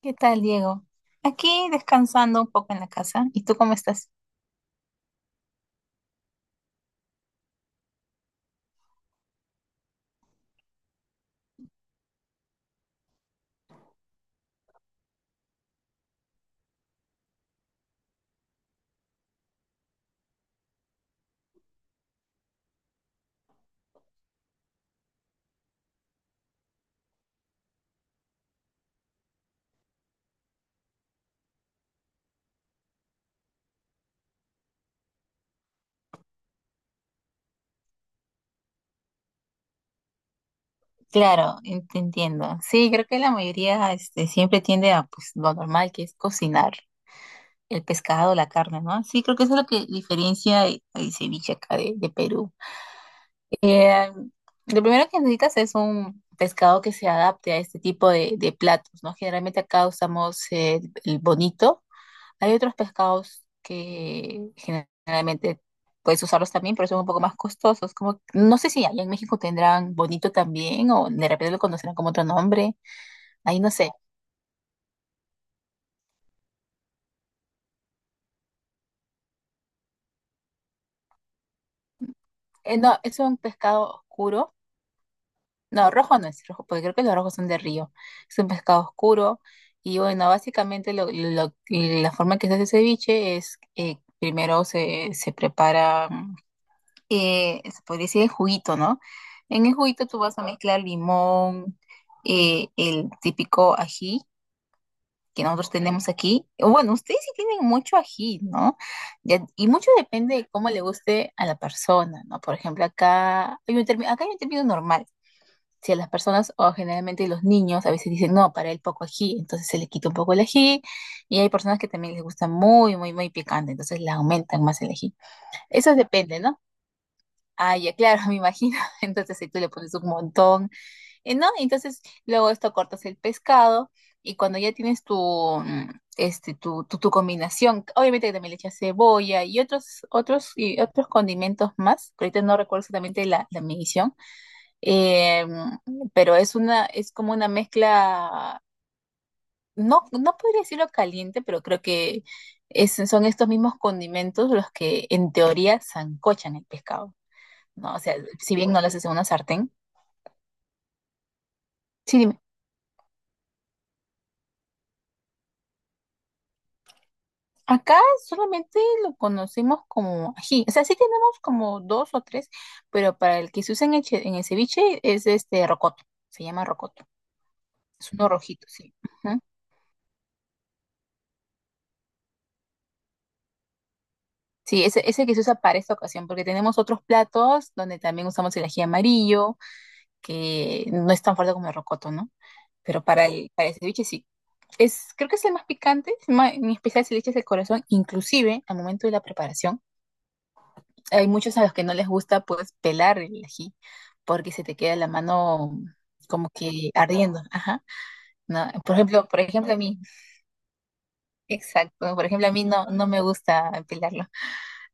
¿Qué tal, Diego? Aquí descansando un poco en la casa. ¿Y tú cómo estás? Claro, te entiendo. Sí, creo que la mayoría este, siempre tiende a pues, lo normal que es cocinar el pescado, la carne, ¿no? Sí, creo que eso es lo que diferencia el ceviche acá de Perú. Eh, lo primero que necesitas es un pescado que se adapte a este tipo de platos, ¿no? Generalmente acá usamos el bonito. Hay otros pescados que generalmente puedes usarlos también, pero son un poco más costosos. Como, no sé si allá en México tendrán bonito también o de repente lo conocerán como otro nombre. Ahí no sé. No, es un pescado oscuro. No, rojo no es rojo, porque creo que los rojos son de río. Es un pescado oscuro. Y bueno, básicamente la forma en que se hace ceviche es primero se prepara se podría decir el juguito, ¿no? En el juguito tú vas a mezclar limón, el típico ají que nosotros tenemos aquí. O bueno, ustedes sí tienen mucho ají, ¿no? Y mucho depende de cómo le guste a la persona, ¿no? Por ejemplo, acá hay un término, acá hay un término normal. Si a las personas o generalmente los niños a veces dicen, no, para él poco ají, entonces se le quita un poco el ají. Y hay personas que también les gusta muy, muy, muy picante, entonces le aumentan más el ají. Eso depende, ¿no? Ah, ya, claro, me imagino. Entonces ahí tú le pones un montón, ¿no? Entonces luego esto cortas el pescado y cuando ya tienes tu, este, tu combinación, obviamente que también le echas cebolla y otros condimentos más. Que Ahorita no recuerdo exactamente la, la medición, pero es una, es como una mezcla, no, no podría decirlo caliente, pero creo que son estos mismos condimentos los que en teoría sancochan el pescado. No, o sea, si bien no lo haces en una sartén. Sí, dime. Acá solamente lo conocemos como ají. O sea, sí tenemos como dos o tres, pero para el que se usa en el, en el ceviche es este rocoto. Se llama rocoto. Es uno rojito, sí. Ujú. Sí, ese que se usa para esta ocasión, porque tenemos otros platos donde también usamos el ají amarillo, que no es tan fuerte como el rocoto, ¿no? Pero para el ceviche sí. Es, creo que es el más picante, en especial si le echas el corazón, inclusive al momento de la preparación hay muchos a los que no les gusta pues pelar el ají porque se te queda la mano como que ardiendo, ajá. No, por ejemplo a mí, exacto, por ejemplo a mí no, no me gusta pelarlo.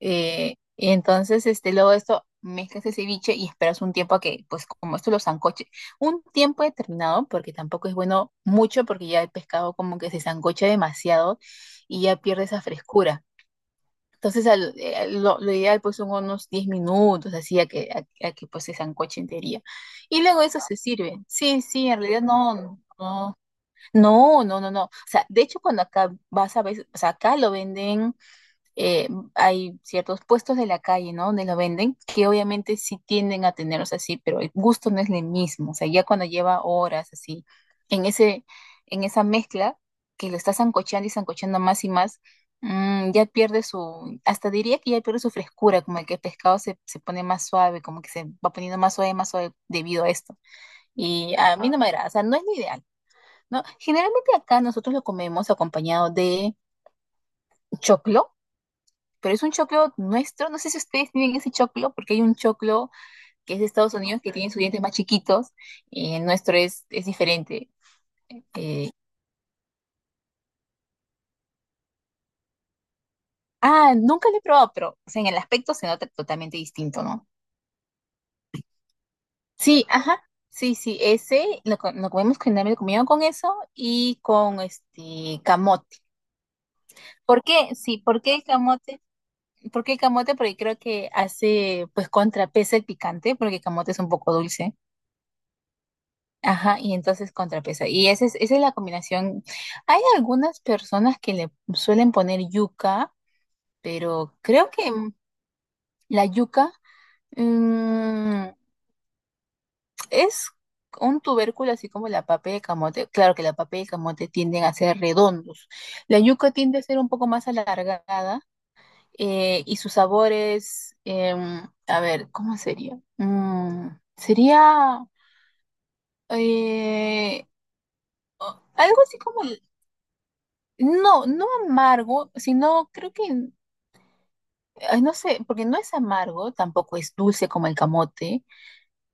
Y entonces, este, luego de esto, mezclas el ceviche y esperas un tiempo a que, pues como esto lo sancoche, un tiempo determinado, porque tampoco es bueno mucho, porque ya el pescado como que se sancocha demasiado y ya pierde esa frescura. Entonces, lo ideal pues son unos 10 minutos, así a que, a que pues se sancoche entería. Y luego eso se sirve. Sí, sí, en realidad no, no, no, no, no, no. O sea, de hecho cuando acá vas a ver, o sea, acá lo venden eh, hay ciertos puestos de la calle, ¿no? Donde lo venden, que obviamente sí tienden a tenerlos así, pero el gusto no es el mismo. O sea, ya cuando lleva horas así, en ese, en esa mezcla, que lo está sancochando y sancochando más y más, ya pierde su, hasta diría que ya pierde su frescura, como el que el pescado se pone más suave, como que se va poniendo más suave debido a esto. Y a mí no me agrada, o sea, no es lo ideal. ¿No? Generalmente acá nosotros lo comemos acompañado de choclo, pero es un choclo nuestro. No sé si ustedes tienen ese choclo, porque hay un choclo que es de Estados Unidos que tiene sus dientes más chiquitos y el nuestro es diferente. Eh, ah, nunca lo he probado, pero o sea, en el aspecto se nota totalmente distinto, ¿no? Sí, ajá. Sí, sí, ese lo comemos generalmente comido con eso y con este camote. ¿Por qué? Sí, ¿por qué el camote? ¿Por qué el camote? Porque creo que hace, pues, contrapesa el picante, porque el camote es un poco dulce. Ajá, y entonces contrapesa. Y esa es la combinación. Hay algunas personas que le suelen poner yuca, pero creo que la yuca mm, es un tubérculo así como la papa de camote. Claro que la papa de camote tienden a ser redondos. La yuca tiende a ser un poco más alargada y sus sabores, a ver, ¿cómo sería? Sería eh, algo así como no, no amargo, sino creo que, ay, no sé, porque no es amargo, tampoco es dulce como el camote.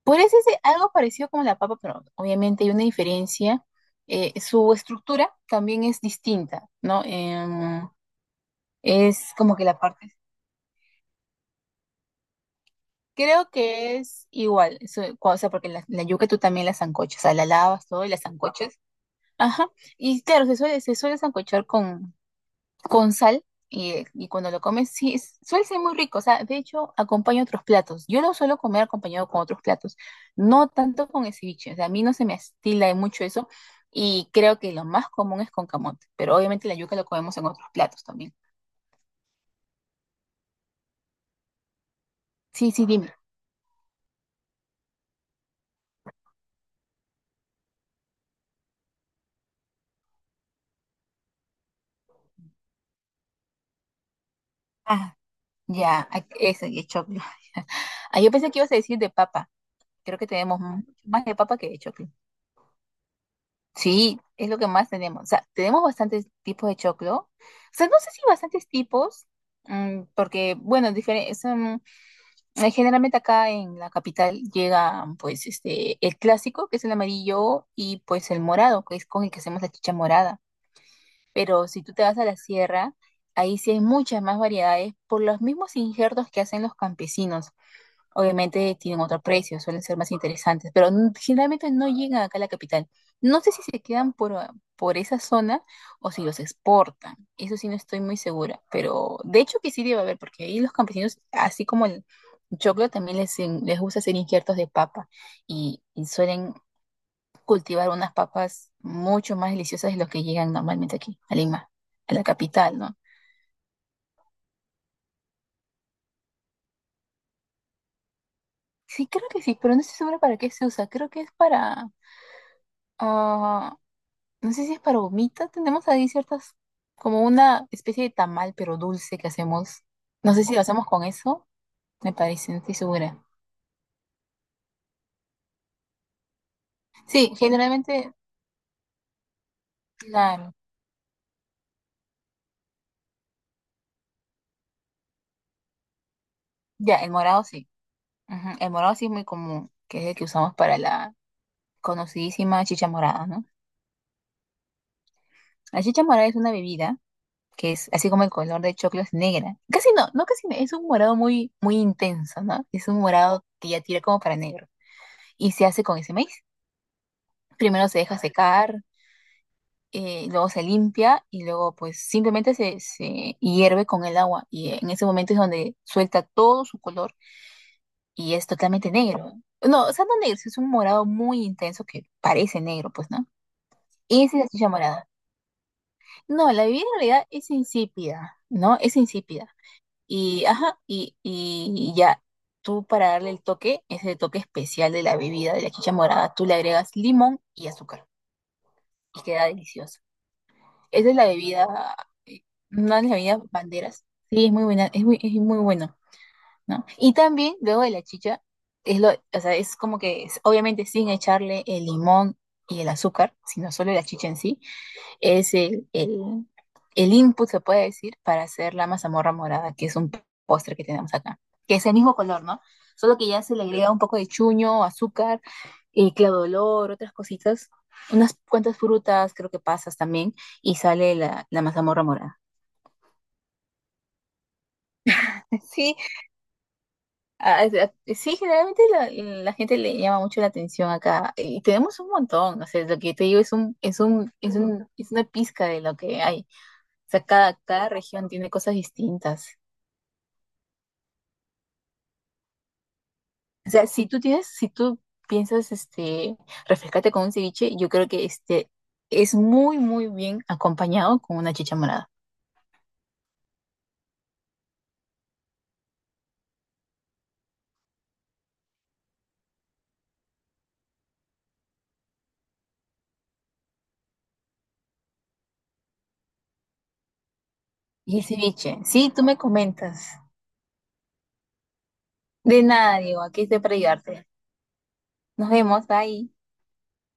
Podría decirse algo parecido como la papa, pero obviamente hay una diferencia. Su estructura también es distinta, ¿no? Es como que la parte, creo que es igual, eso, o sea, porque la yuca tú también la sancochas, o sea, la lavas todo y la sancochas. Ajá, y claro, se suele sancochar con sal y cuando lo comes, sí, suele ser muy rico. O sea, de hecho, acompaña otros platos. Yo lo suelo comer acompañado con otros platos, no tanto con el ceviche. O sea, a mí no se me estila de mucho eso y creo que lo más común es con camote, pero obviamente la yuca lo comemos en otros platos también. Sí, sí, dime. Ah, ya, ese de choclo. Ah, yo pensé que ibas a decir de papa. Creo que tenemos mucho más de papa que de choclo. Sí, es lo que más tenemos. O sea, tenemos bastantes tipos de choclo. O sea, no sé si bastantes tipos, porque, bueno, generalmente acá en la capital llegan, pues, este, el clásico, que es el amarillo, y pues el morado, que es con el que hacemos la chicha morada. Pero si tú te vas a la sierra, ahí sí hay muchas más variedades por los mismos injertos que hacen los campesinos. Obviamente tienen otro precio, suelen ser más interesantes, pero generalmente no llegan acá a la capital. No sé si se quedan por, ah, por esa zona o si los exportan. Eso sí no estoy muy segura, pero de hecho que sí debe haber, porque ahí los campesinos, así como el choclo, también les gusta hacer injertos de papa y suelen cultivar unas papas mucho más deliciosas de lo que llegan normalmente aquí, a Lima, a la capital, ¿no? Sí, creo que sí, pero no estoy segura para qué se usa. Creo que es para... ah, no sé si es para humita, tenemos ahí ciertas, como una especie de tamal, pero dulce que hacemos. No sé si lo hacemos con eso, me parece, no estoy segura. Sí, generalmente, la, ya, el morado sí. Ujú, el morado sí es muy común, que es el que usamos para la conocidísima chicha morada, ¿no? La chicha morada es una bebida que es así como el color de choclo es negra. Casi no, no casi, no, es un morado muy, muy intenso, ¿no? Es un morado que ya tira como para negro. Y se hace con ese maíz. Primero se deja secar, luego se limpia y luego pues simplemente se hierve con el agua y en ese momento es donde suelta todo su color y es totalmente negro. No, o sea, no negro, sí es un morado muy intenso que parece negro, pues, ¿no? Y esa es la chicha morada. No, la bebida en realidad es insípida, ¿no? Es insípida. Y, ajá, y ya, tú para darle el toque, ese toque especial de la bebida, de la chicha morada, tú le agregas limón y azúcar y queda delicioso. Esa es la bebida, eh, una de las bebidas banderas. Sí, es muy buena, es muy bueno, ¿no? Y también, luego de la chicha, o sea, es como que, obviamente sin echarle el limón y el azúcar, sino solo la chicha en sí, es el input, se puede decir, para hacer la mazamorra morada, que es un postre que tenemos acá, que es el mismo color, ¿no? Solo que ya se le agrega un poco de chuño, azúcar, y claudolor, otras cositas, unas cuantas frutas, creo que pasas también, y sale la mazamorra morada. Sí, ah, sí, generalmente la gente le llama mucho la atención acá y tenemos un montón, o sea, lo que te digo es es una pizca de lo que hay. O sea, cada región tiene cosas distintas. O sea, si tú tienes, si tú piensas, este, refrescarte con un ceviche, yo creo que este es muy, muy bien acompañado con una chicha morada. Y el ceviche, sí, tú me comentas. De nada, Diego, aquí estoy para ayudarte. Nos vemos, bye.